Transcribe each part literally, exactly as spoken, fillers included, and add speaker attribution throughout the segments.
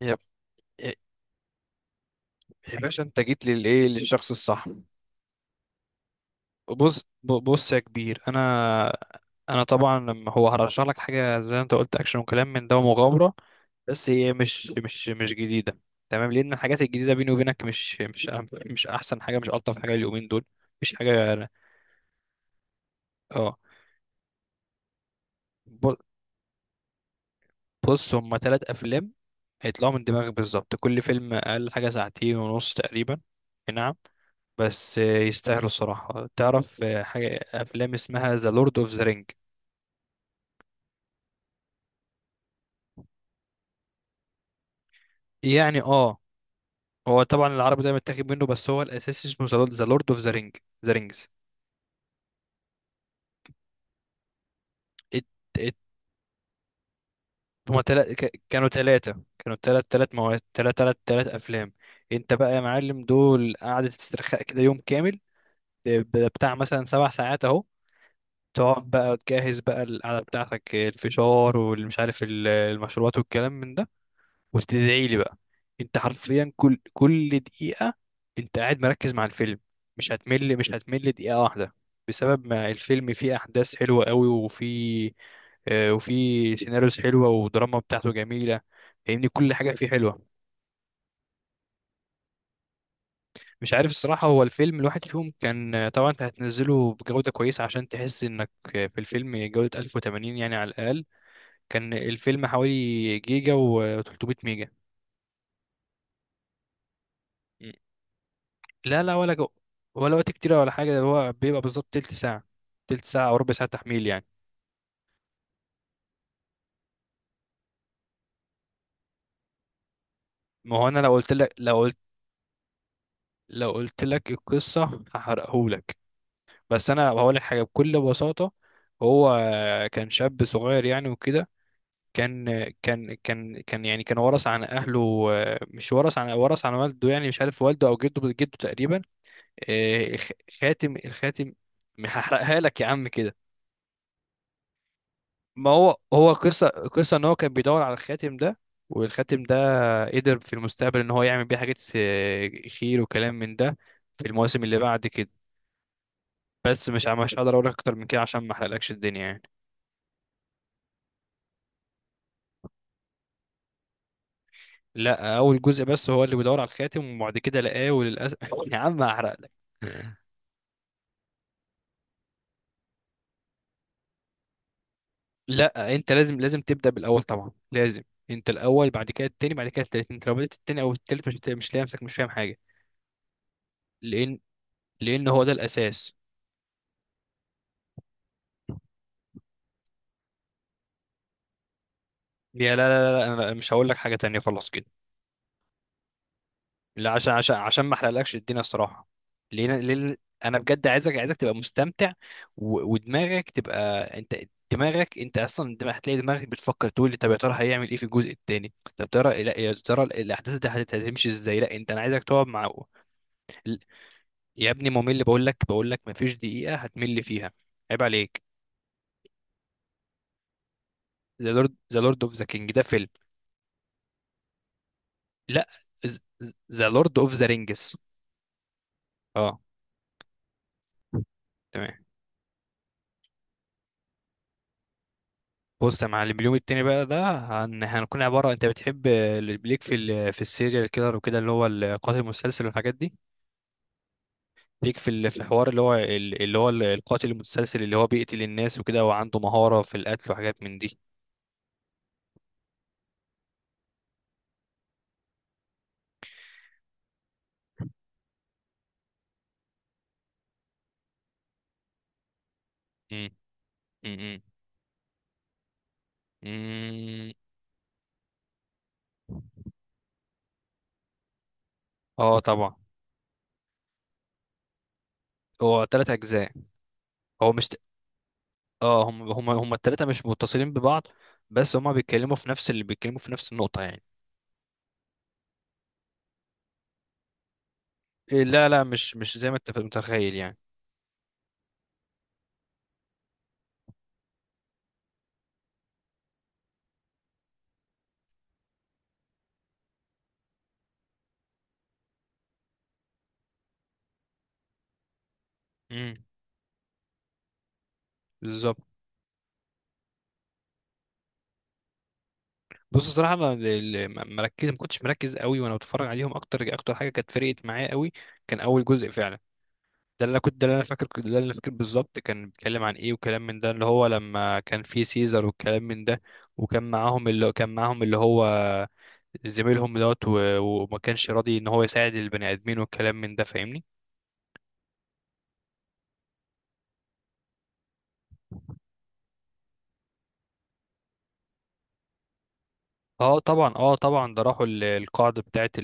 Speaker 1: يا يا يا باشا، انت جيت للايه؟ للشخص الصح. بص ب- بص يا كبير، انا انا طبعا لما هو هرشح لك حاجه زي ما انت قلت اكشن وكلام من ده ومغامره. بس هي مش مش مش جديده. تمام، لان الحاجات الجديده بيني وبينك مش مش أهم- مش احسن حاجه، مش الطف حاجه اليومين دول. مش حاجه. اه ب- بص، هما ثلاث افلام هيطلعوا من دماغك بالظبط. كل فيلم اقل حاجه ساعتين ونص تقريبا. نعم. بس يستاهلوا الصراحة. تعرف حاجة أفلام اسمها ذا لورد اوف ذا رينج؟ يعني اه، هو طبعا العربي ده متاخد منه، بس هو الأساسي اسمه ذا لورد اوف ذا رينج. ذا رينجز. ات ات هما تلا... ك... كانوا تلاتة، كانوا تلات تلات مواد تلات تلات تلات أفلام. انت بقى يا معلم دول قعدة استرخاء كده يوم كامل، ب- بتاع مثلا سبع ساعات اهو. تقعد بقى تجهز بقى القعدة بتاعتك، الفشار والمش عارف ال- المشروبات والكلام من ده، وتدعي لي بقى. انت حرفيا كل كل دقيقة انت قاعد مركز مع الفيلم. مش هتمل مش هتمل دقيقة واحدة، بسبب ما الفيلم فيه احداث حلوة قوي وفيه آه، وفيه سيناريوز حلوة ودراما بتاعته جميلة. فاهمني، كل حاجة فيه حلوة. مش عارف الصراحة، هو الفيلم الواحد فيهم كان آه، طبعا انت هتنزله بجودة كويسة عشان تحس انك آه، في الفيلم جودة ألف وثمانين يعني على الأقل. كان الفيلم حوالي جيجا و300 ميجا. لا لا، ولا جو ولا وقت كتير ولا حاجة، ده هو بيبقى بالظبط تلت ساعة، تلت ساعة أو ربع ساعة تحميل يعني. ما هو أنا لو قلت لك لو قلت لو قلت لك القصة هحرقهولك. بس أنا هقول لك حاجة بكل بساطة. هو كان شاب صغير يعني وكده. كان كان كان كان يعني كان ورث عن أهله. مش ورث عن ورث عن والده، يعني مش عارف والده أو جده جده تقريبا. آه، خ- خاتم الخاتم. هحرقها لك يا عم كده. ما هو هو قصة قصة ان هو كان بيدور على الخاتم ده، والخاتم ده قدر في المستقبل ان هو يعمل بيه حاجات آه، خير وكلام من ده في المواسم اللي بعد كده. بس مش ع- مش هقدر اقول لك اكتر من كده عشان ما احرقلكش الدنيا يعني. لا، اول جزء بس هو اللي بيدور على الخاتم، وبعد كده لقاه وللاسف يا عم هحرقلك. لا، انت لازم لازم تبدا بالاول طبعا لازم. انت الاول، بعد كده التاني، بعد كده التالت. انت لو بدات التاني او التالت مش هت- مش لاقي نفسك، مش فاهم حاجه. لان لان هو ده الاساس. يا لا لا لا لا، انا مش هقول لك حاجه تانية خلاص كده. لا، عشان عشان عشان ما احرقلكش الدنيا الصراحه. ليه ليه. انا بجد عايزك عايزك تبقى مستمتع، و... ودماغك تبقى. انت دماغك انت اصلا دماغ. هتلاقي دماغك بتفكر تقول لي طب يا ترى هيعمل ايه في الجزء التاني؟ طب ترى لا يا ترى الاحداث دي هت- هتمشي ازاي؟ لا انت، انا عايزك تقعد مع ال- يا ابني ممل؟ بقول لك بقول لك ما فيش دقيقه هتمل فيها. عيب عليك. ذا لورد ذا لورد اوف ذا كينج ده فيلم. لا، ذا لورد اوف ذا رينجز. اه تمام. بص يا معلم، اليوم التاني بقى ده هن... هنكون عبارة. انت بتحب ال- ليك في ال... في السيريال كيلر وكده، اللي هو القاتل المتسلسل والحاجات دي. ليك في ال... في حوار اللي هو ال... اللي هو ال- القاتل المتسلسل اللي هو بيقتل الناس وكده وعنده مهارة في القتل وحاجات من دي. مم. مم. مم. اه طبعا. هو تلات اجزاء. هو مش ت- اه هم هم هم التلاتة مش متصلين ببعض، بس هما بيتكلموا في نفس اللي بيتكلموا في نفس النقطة يعني. إيه، لا لا، مش مش زي ما انت متخيل يعني. امم. بالظبط. بص الصراحه انا ال- ال- ما مركز ما كنتش مركز قوي وانا بتفرج عليهم. اكتر اكتر حاجه كانت فرقت معايا قوي كان اول جزء فعلا. ده اللي انا كنت ده اللي انا فاكر ده اللي انا فاكر بالظبط كان بيتكلم عن ايه وكلام من ده، اللي هو لما كان في سيزر والكلام من ده. وكان معاهم اللي كان معاهم اللي هو زميلهم دوت، و- وما كانش راضي ان هو يساعد البني ادمين والكلام من ده، فاهمني. اه طبعا اه طبعا، ده راحوا ال- القاعده بتاعت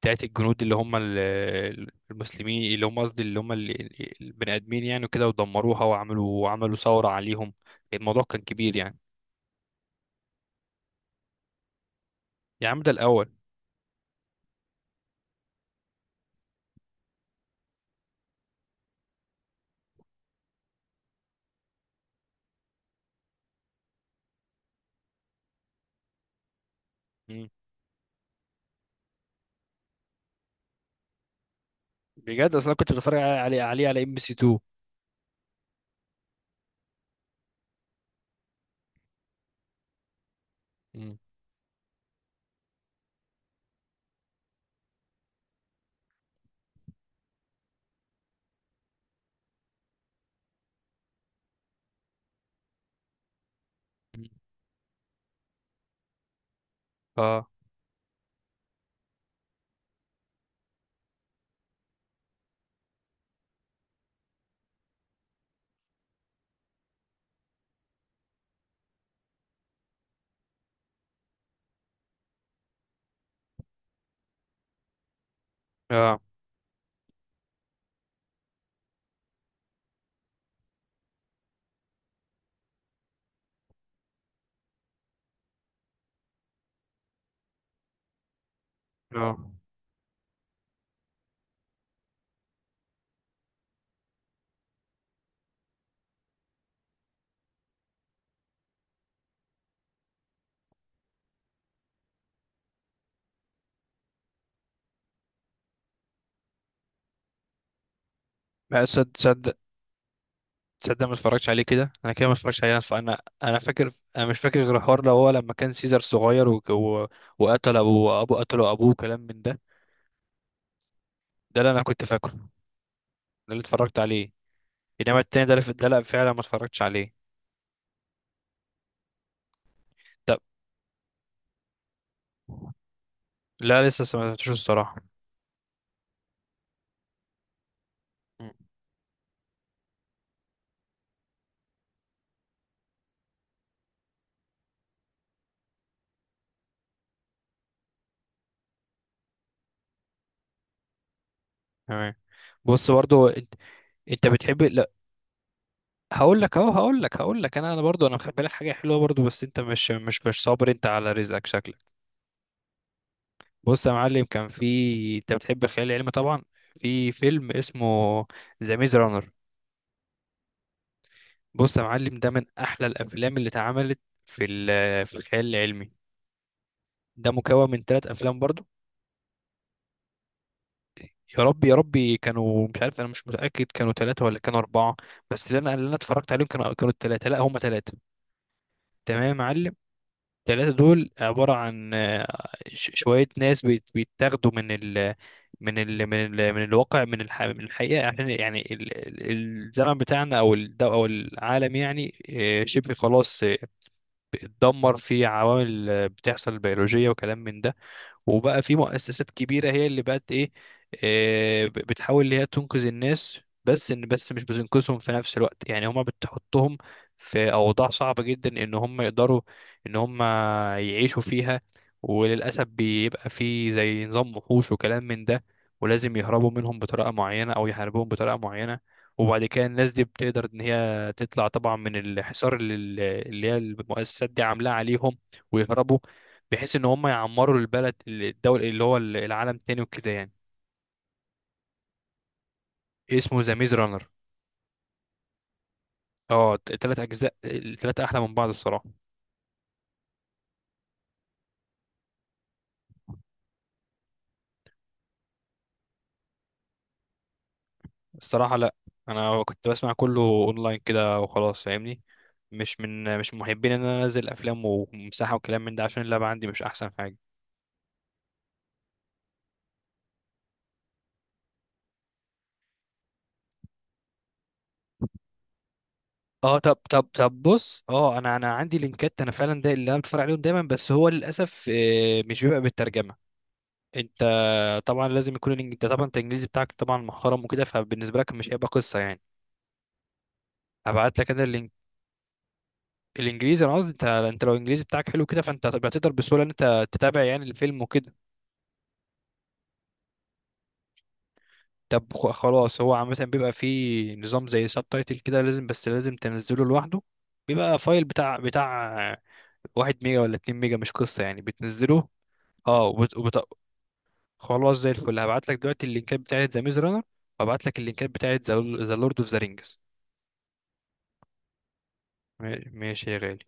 Speaker 1: بتاعت الجنود، اللي هم ال- المسلمين اللي هم قصدي اللي هم ال- البني ادمين يعني، وكده ودمروها، وعملوا وعملوا ثوره عليهم. الموضوع كان كبير يعني. يا عم ده الاول. مم. بجد اصل انا كنت بتفرج عليه عليه على ام بي سي تو. مم. مم. اه اه اه. لا تصدق، تصدق، تصدق ما اتفرجتش عليه كده، انا كده ما اتفرجتش عليه. فانا انا فاكر. انا مش فاكر غير الحوار اللي هو لما كان سيزر صغير و... و... وقتل ابو ابو قتله ابوه كلام من ده. ده اللي انا كنت فاكره، ده اللي اتفرجت عليه. انما التاني ده ده لا فعلا ما اتفرجتش عليه. طب لا، لسه سمعتوش الصراحه. مم. تمام. بص برضو، انت انت بتحب لا. هقول لك اهو هقول لك هقول لك، انا انا برضو انا مخبي لك حاجه حلوه برضو، بس انت مش مش مش صابر انت على رزقك شكلك. بص يا معلم، كان في انت بتحب الخيال العلمي طبعا. في فيلم اسمه ذا ميز رانر. بص يا معلم، ده من احلى الافلام اللي اتعملت في ال- في الخيال العلمي. ده مكون من ثلاث افلام برضو. يا رب، يا ربي كانوا مش عارف، انا مش متاكد كانوا ثلاثه ولا كانوا اربعه. بس اللي انا اللي انا اتفرجت عليهم كانوا كانوا الثلاثه. لا هم ثلاثه. تمام يا معلم. الثلاثه دول عباره عن آه، ش- شويه ناس بيت- بيتاخدوا من ال من ال من ال من الواقع، من الح- من الحقيقه، عشان يعني ال- ال- الزمن بتاعنا او الد- او العالم يعني آه، شبه خلاص آه، اتدمر في عوامل آه، بتحصل بيولوجيه وكلام من ده. وبقى في مؤسسات كبيرة هي اللي بقت ايه. آه، ب- بتحاول اللي هي تنقذ الناس، بس ان بس مش بتنقذهم في نفس الوقت يعني، هما بتحطهم في اوضاع صعبة جدا ان هم يقدروا ان هم يعيشوا فيها. وللاسف بيبقى في زي نظام وحوش وكلام من ده، ولازم يهربوا منهم بطريقة معينة او يحاربوهم بطريقة معينة. وبعد كده الناس دي بتقدر ان هي تطلع طبعا من الحصار اللي اللي هي المؤسسات دي عاملاه عليهم، ويهربوا بحيث ان هم يعمروا البلد الدول اللي هو العالم تاني وكده يعني. اسمه ذا ميز رانر. اه التلات اجزاء التلاتة احلى من بعض الصراحة. الصراحة لا، انا كنت بسمع كله اونلاين كده وخلاص فاهمني. مش من مش محبين ان انا انزل افلام ومساحة وكلام من ده عشان اللعبة عندي مش احسن حاجة. اه طب طب طب بص، اه انا انا عندي لينكات، انا فعلا ده اللي انا بتفرج عليهم دايما، بس هو للاسف آه، مش بيبقى بالترجمة. انت طبعا لازم يكون الإنج- انت طبعا انت الانجليزي بتاعك طبعا محترم وكده، فبالنسبة لك مش هيبقى قصة يعني. ابعت لك انا اللينك. الانجليزي انا قصدي، انت انت لو الانجليزي بتاعك حلو كده فانت هتبقى تقدر بسهوله ان انت تتابع يعني الفيلم وكده. طب خ- خلاص، هو عامه بيبقى فيه نظام زي سب تايتل كده لازم، بس لازم تنزله لوحده. بيبقى فايل بتاع بتاع واحد ميجا ولا اتنين ميجا مش قصه يعني، بتنزله. اه وبت... وبت... خلاص زي الفل، هبعت لك دلوقتي اللينكات بتاعت ذا ميز رانر، وابعت لك اللينكات بتاعت ذا لورد اوف ذا رينجز. ماشي يا غالي.